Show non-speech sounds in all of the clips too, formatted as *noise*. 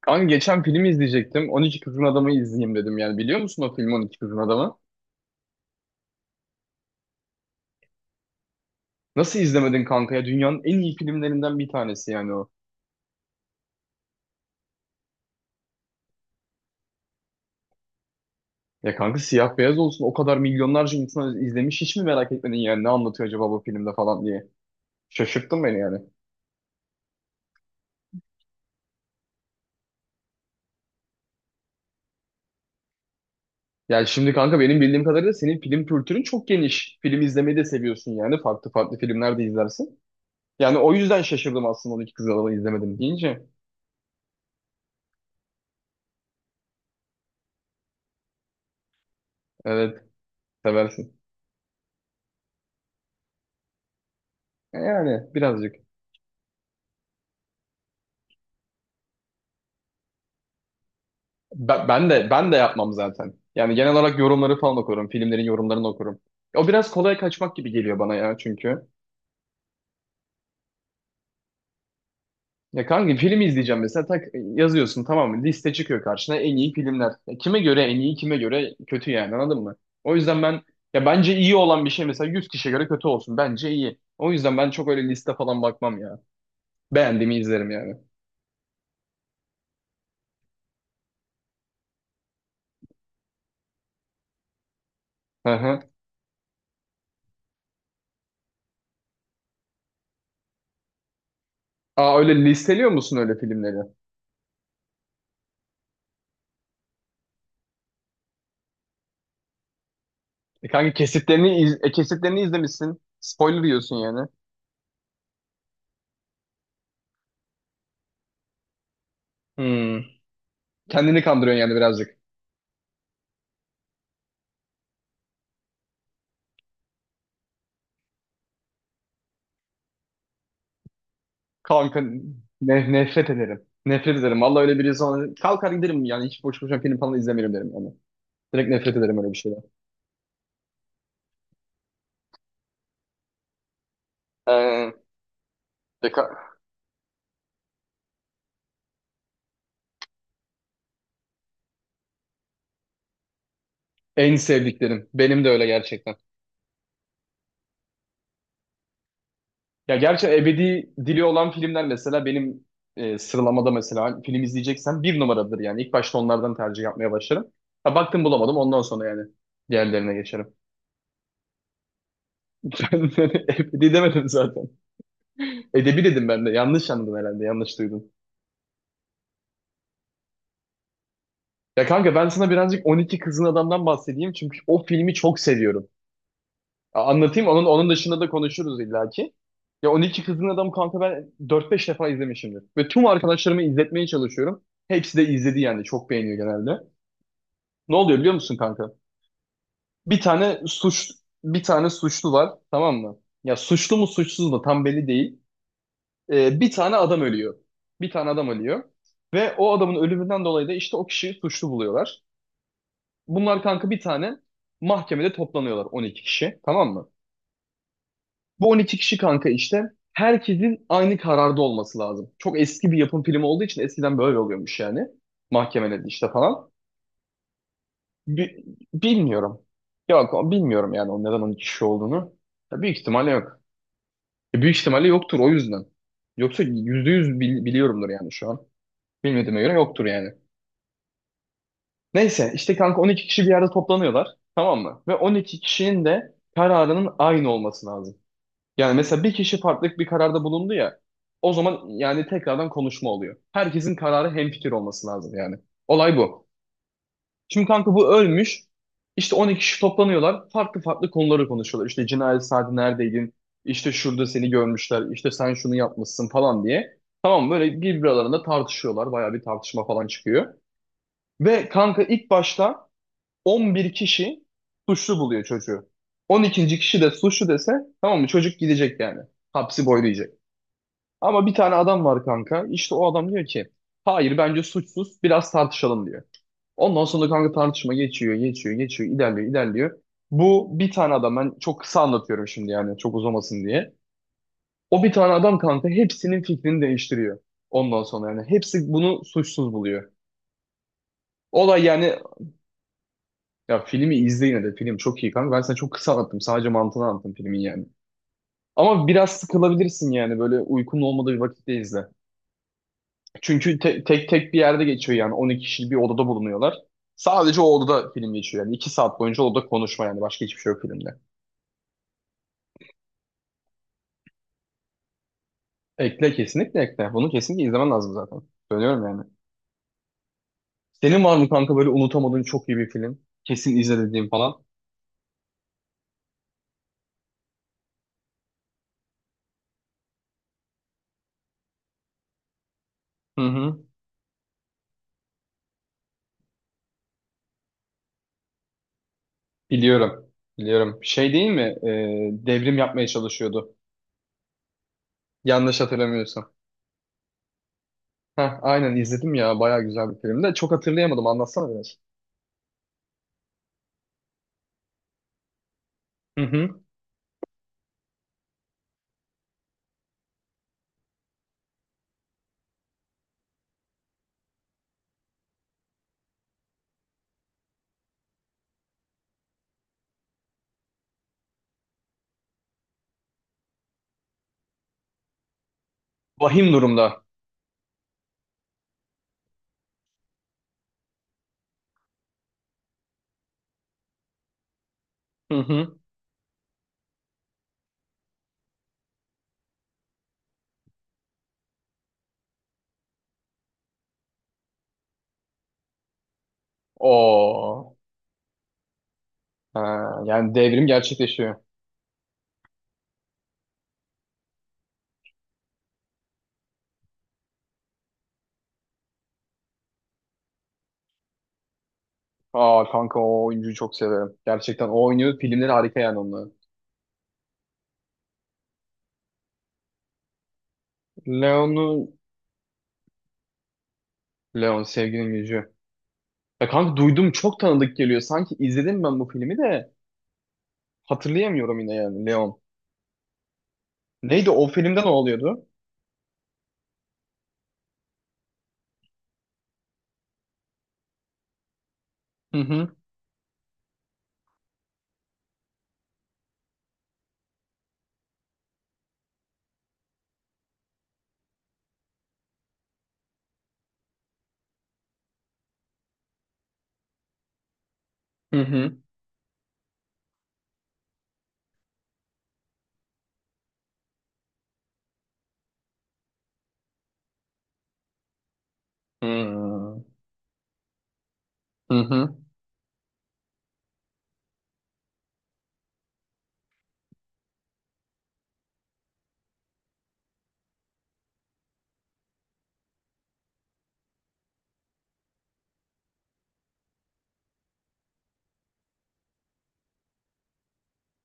Kanka geçen film izleyecektim. 12 Kızgın Adam'ı izleyeyim dedim yani. Biliyor musun o filmi 12 Kızgın Adam'ı? Nasıl izlemedin kanka ya? Dünyanın en iyi filmlerinden bir tanesi yani o. Ya kanka siyah beyaz olsun o kadar milyonlarca insan izlemiş hiç mi merak etmedin yani ne anlatıyor acaba bu filmde falan diye. Şaşırttın beni yani. Yani şimdi kanka benim bildiğim kadarıyla senin film kültürün çok geniş. Film izlemeyi de seviyorsun yani. Farklı farklı filmler de izlersin. Yani o yüzden şaşırdım aslında 12 Kızgın Adam'ı izlemedim deyince. Evet, seversin. Yani birazcık. Ben de yapmam zaten. Yani genel olarak yorumları falan okurum. Filmlerin yorumlarını okurum. O biraz kolay kaçmak gibi geliyor bana ya çünkü. Ya kanka filmi izleyeceğim mesela tak yazıyorsun tamam mı? Liste çıkıyor karşına en iyi filmler. Ya kime göre en iyi, kime göre kötü yani anladın mı? O yüzden ben ya bence iyi olan bir şey mesela 100 kişiye göre kötü olsun. Bence iyi. O yüzden ben çok öyle liste falan bakmam ya. Beğendiğimi izlerim yani. Hı hı. Aa, öyle listeliyor musun öyle filmleri? E kanka kesitlerini kesitlerini izlemişsin. Spoiler yiyorsun yani. Hmm. Kendini kandırıyorsun yani birazcık. Kanka nefret ederim. Nefret ederim. Vallahi öyle biri sonra kalkar giderim yani hiç boş boşuna film falan izlemiyorum derim yani. Direkt nefret ederim öyle bir şeyden. Ee, deka- En sevdiklerim. Benim de öyle gerçekten. Ya gerçi ebedi dili olan filmler mesela benim sıralamada mesela film izleyeceksem bir numaradır yani. İlk başta onlardan tercih yapmaya başlarım. Ha, baktım bulamadım ondan sonra yani diğerlerine geçerim. *laughs* Ben ebedi demedim zaten. Edebi dedim ben de. Yanlış anladın herhalde. Yanlış duydun. Ya kanka ben sana birazcık 12 Kızgın Adam'dan bahsedeyim çünkü o filmi çok seviyorum. Anlatayım onun dışında da konuşuruz illaki. Ya 12 Kızgın Adam kanka ben dört beş defa izlemişimdir. Ve tüm arkadaşlarımı izletmeye çalışıyorum. Hepsi de izledi yani çok beğeniyor genelde. Ne oluyor biliyor musun kanka? Bir tane suç bir tane suçlu var tamam mı? Ya suçlu mu suçsuz mu tam belli değil. Bir tane adam ölüyor. Bir tane adam ölüyor. Ve o adamın ölümünden dolayı da işte o kişiyi suçlu buluyorlar. Bunlar kanka bir tane mahkemede toplanıyorlar, 12 kişi, tamam mı? Bu 12 kişi kanka işte herkesin aynı kararda olması lazım. Çok eski bir yapım filmi olduğu için eskiden böyle oluyormuş yani. Mahkemelerde işte falan. Bi- Bilmiyorum. Yok, bilmiyorum yani o neden 12 kişi olduğunu. Ya büyük ihtimalle yok. Büyük ihtimalle yoktur o yüzden. Yoksa %100 biliyorumdur yani şu an. Bilmediğime göre yoktur yani. Neyse işte kanka 12 kişi bir yerde toplanıyorlar tamam mı? Ve 12 kişinin de kararının aynı olması lazım. Yani mesela bir kişi farklı bir kararda bulundu ya, o zaman yani tekrardan konuşma oluyor. Herkesin kararı hemfikir olması lazım yani. Olay bu. Şimdi kanka bu ölmüş. İşte 12 kişi toplanıyorlar. Farklı farklı konuları konuşuyorlar. İşte cinayet saati neredeydin? İşte şurada seni görmüşler. İşte sen şunu yapmışsın falan diye. Tamam, böyle birbirlerinde tartışıyorlar. Bayağı bir tartışma falan çıkıyor. Ve kanka ilk başta 11 kişi suçlu buluyor çocuğu. 12. kişi de suçlu dese tamam mı, çocuk gidecek yani. Hapsi boylayacak. Ama bir tane adam var kanka. İşte o adam diyor ki hayır, bence suçsuz, biraz tartışalım diyor. Ondan sonra kanka tartışma geçiyor, geçiyor, geçiyor, ilerliyor, ilerliyor. Bu bir tane adam, ben çok kısa anlatıyorum şimdi yani çok uzamasın diye. O bir tane adam kanka hepsinin fikrini değiştiriyor. Ondan sonra yani hepsi bunu suçsuz buluyor. Olay yani, ya filmi izle yine de, film çok iyi kanka. Ben sana çok kısa anlattım, sadece mantığını anlattım filmin yani. Ama biraz sıkılabilirsin yani, böyle uykun olmadığı bir vakitte izle. Çünkü tek tek bir yerde geçiyor yani, 12 kişi bir odada bulunuyorlar. Sadece o odada film geçiyor yani, 2 saat boyunca odada konuşma, yani başka hiçbir şey yok filmde. Ekle, kesinlikle ekle. Bunu kesinlikle izlemen lazım zaten. Söylüyorum yani. Senin var mı kanka böyle unutamadığın çok iyi bir film? Kesin izle dediğin falan. Hı hı. Biliyorum. Biliyorum. Şey değil mi? Devrim yapmaya çalışıyordu. Yanlış hatırlamıyorsam. Heh, aynen, izledim ya. Bayağı güzel bir film de. Çok hatırlayamadım. Anlatsana biraz. Hı hı. Vahim durumda. Hı hı. O Ha, yani devrim gerçekleşiyor. Aa kanka, o oyuncuyu çok severim. Gerçekten o oynuyor. Filmleri harika yani onun. Leon'u. Leon, sevginin gücü. Ya kanka duydum, çok tanıdık geliyor. Sanki izledim ben bu filmi de hatırlayamıyorum yine yani, Leon. Neydi o filmde, ne oluyordu? Hı hı. Hı hı. Hı hı. Hı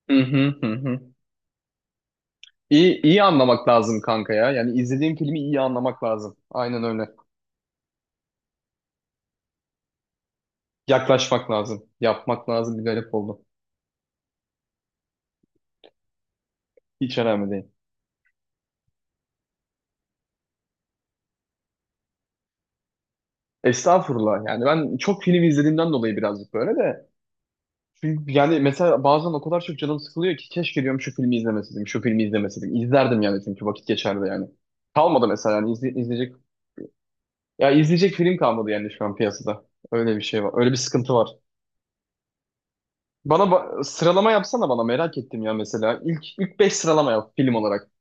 hı. Hı hı. İyi, iyi anlamak lazım kanka ya. Yani izlediğim filmi iyi anlamak lazım. Aynen öyle. Yaklaşmak lazım. Yapmak lazım. Bir garip oldu. Hiç önemli değil. Estağfurullah, yani ben çok film izlediğimden dolayı birazcık böyle de. Çünkü yani mesela bazen o kadar çok canım sıkılıyor ki keşke diyorum şu filmi izlemeseydim, şu filmi izlemeseydim. İzlerdim yani çünkü vakit geçerdi yani. Kalmadı mesela, yani izleyecek, ya izleyecek film kalmadı yani şu an piyasada. Öyle bir şey var. Öyle bir sıkıntı var. Bana sıralama yapsana, bana merak ettim ya mesela. İlk beş sıralama yap film olarak.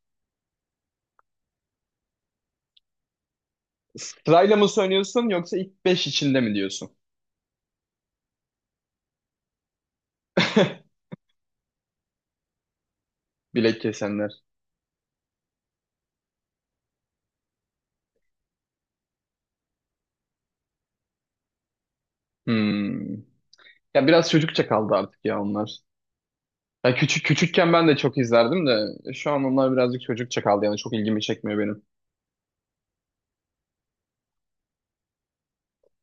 Sırayla mı söylüyorsun, yoksa ilk 5 içinde mi diyorsun? *laughs* Bilek kesenler. Hmm. Ya biraz çocukça kaldı artık ya onlar. Ya küçükken ben de çok izlerdim de şu an onlar birazcık çocukça kaldı yani, çok ilgimi çekmiyor benim.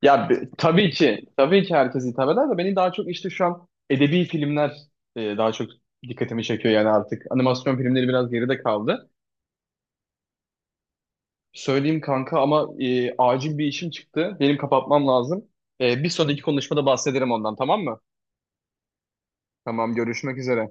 Ya tabii ki tabii ki herkes hitap eder de beni daha çok işte şu an edebi filmler daha çok dikkatimi çekiyor yani artık. Animasyon filmleri biraz geride kaldı. Söyleyeyim kanka ama acil bir işim çıktı. Benim kapatmam lazım. Bir sonraki konuşmada bahsederim ondan, tamam mı? Tamam, görüşmek üzere.